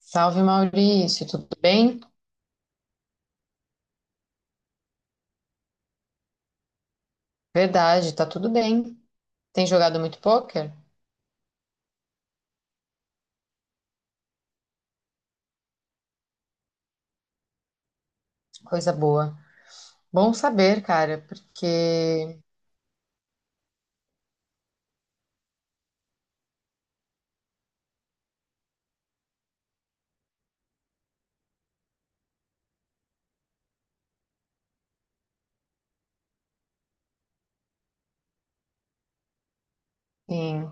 Salve, Maurício, tudo bem? Verdade, tá tudo bem. Tem jogado muito pôquer? Coisa boa. Bom saber, cara, porque sim,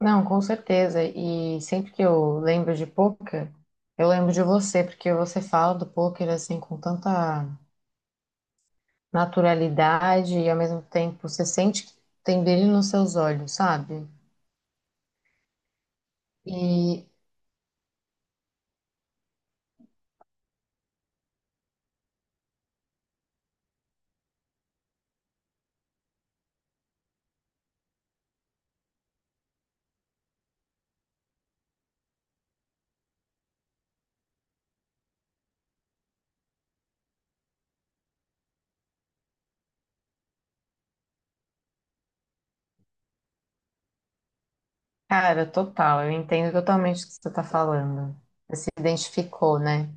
não, com certeza. E sempre que eu lembro de pôquer, eu lembro de você, porque você fala do pôquer assim com tanta naturalidade e ao mesmo tempo você sente que tem brilho nos seus olhos, sabe? E, cara, total, eu entendo totalmente o que você tá falando. Você se identificou, né?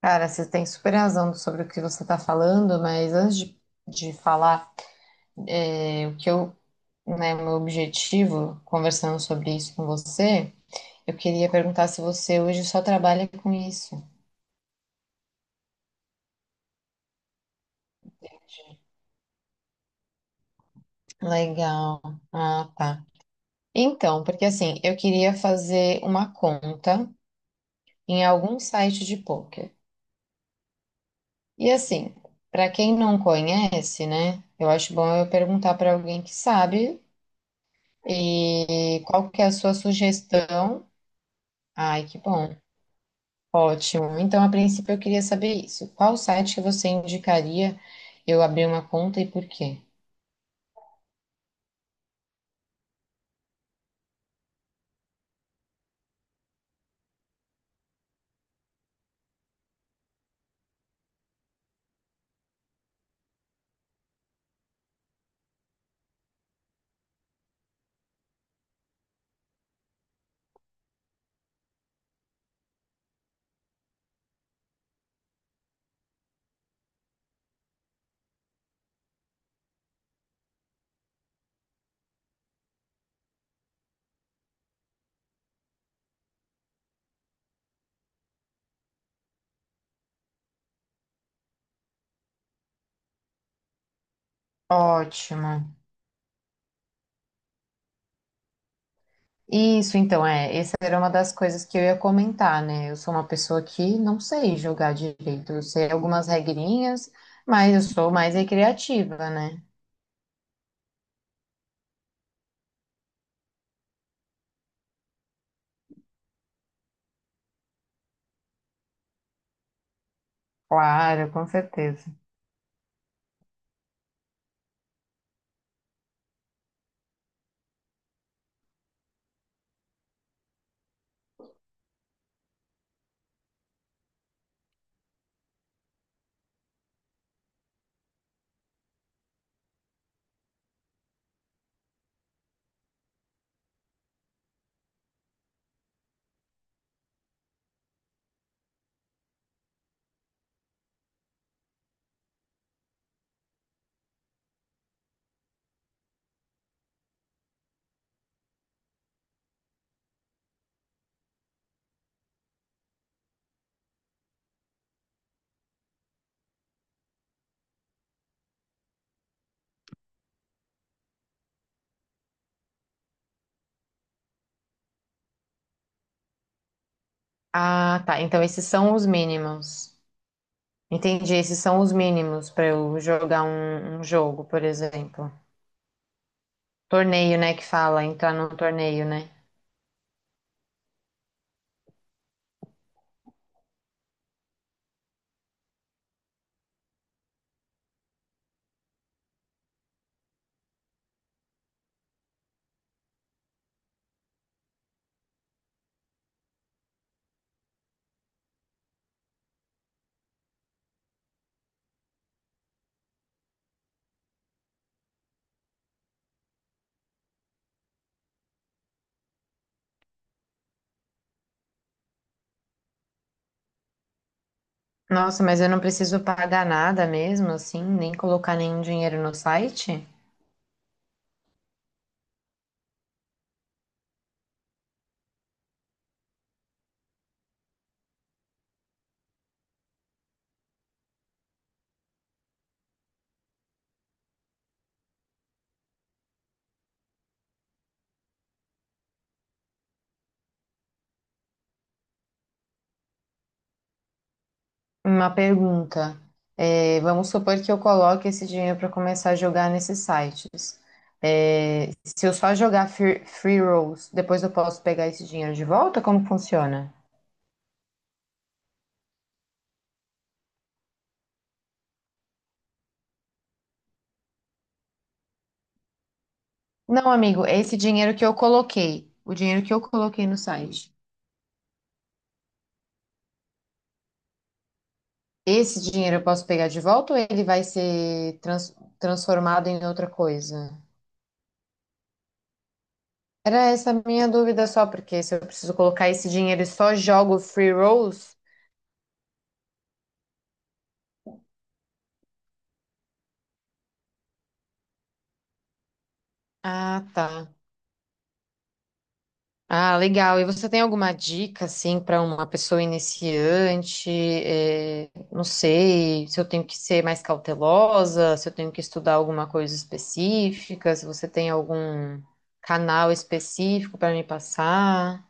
Cara, você tem super razão sobre o que você está falando, mas antes de falar é, o que eu, né, meu objetivo conversando sobre isso com você, eu queria perguntar se você hoje só trabalha com isso. Legal. Ah, tá. Então, porque assim, eu queria fazer uma conta em algum site de poker. E assim, para quem não conhece, né, eu acho bom eu perguntar para alguém que sabe e qual que é a sua sugestão. Ai, que bom. Ótimo. Então, a princípio, eu queria saber isso. Qual site que você indicaria eu abrir uma conta e por quê? Ótimo. Isso, então, é. Essa era uma das coisas que eu ia comentar, né? Eu sou uma pessoa que não sei jogar direito. Eu sei algumas regrinhas, mas eu sou mais recreativa, né? Claro, com certeza. Ah, tá. Então, esses são os mínimos. Entendi. Esses são os mínimos para eu jogar um jogo, por exemplo. Torneio, né, que fala, entrar num torneio, né? Nossa, mas eu não preciso pagar nada mesmo, assim, nem colocar nenhum dinheiro no site? Uma pergunta. É, vamos supor que eu coloque esse dinheiro para começar a jogar nesses sites. É, se eu só jogar free rolls, depois eu posso pegar esse dinheiro de volta? Como funciona? Não, amigo, é esse dinheiro que eu coloquei, o dinheiro que eu coloquei no site. Esse dinheiro eu posso pegar de volta ou ele vai ser transformado em outra coisa? Era essa a minha dúvida só, porque se eu preciso colocar esse dinheiro e só jogo free rolls. Ah, tá. Ah, legal. E você tem alguma dica, assim, para uma pessoa iniciante? Não sei, se eu tenho que ser mais cautelosa, se eu tenho que estudar alguma coisa específica, se você tem algum canal específico para me passar.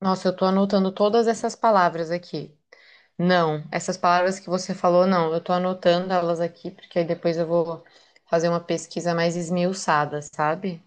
Nossa, eu tô anotando todas essas palavras aqui. Não, essas palavras que você falou, não. Eu tô anotando elas aqui, porque aí depois eu vou fazer uma pesquisa mais esmiuçada, sabe?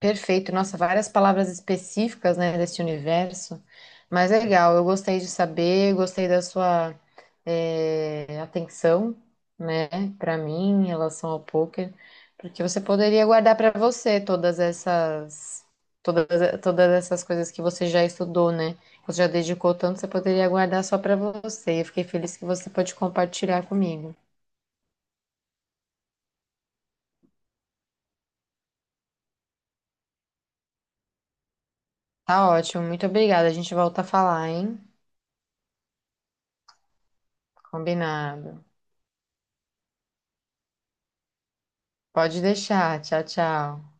Perfeito, nossa, várias palavras específicas, né, desse universo, mas é legal, eu gostei de saber, gostei da sua atenção, né, para mim em relação ao poker, porque você poderia guardar para você todas essas todas, todas essas coisas que você já estudou, né, que você já dedicou tanto, você poderia guardar só para você. Eu fiquei feliz que você pode compartilhar comigo. Tá ótimo, muito obrigada. A gente volta a falar, hein? Combinado. Pode deixar. Tchau, tchau.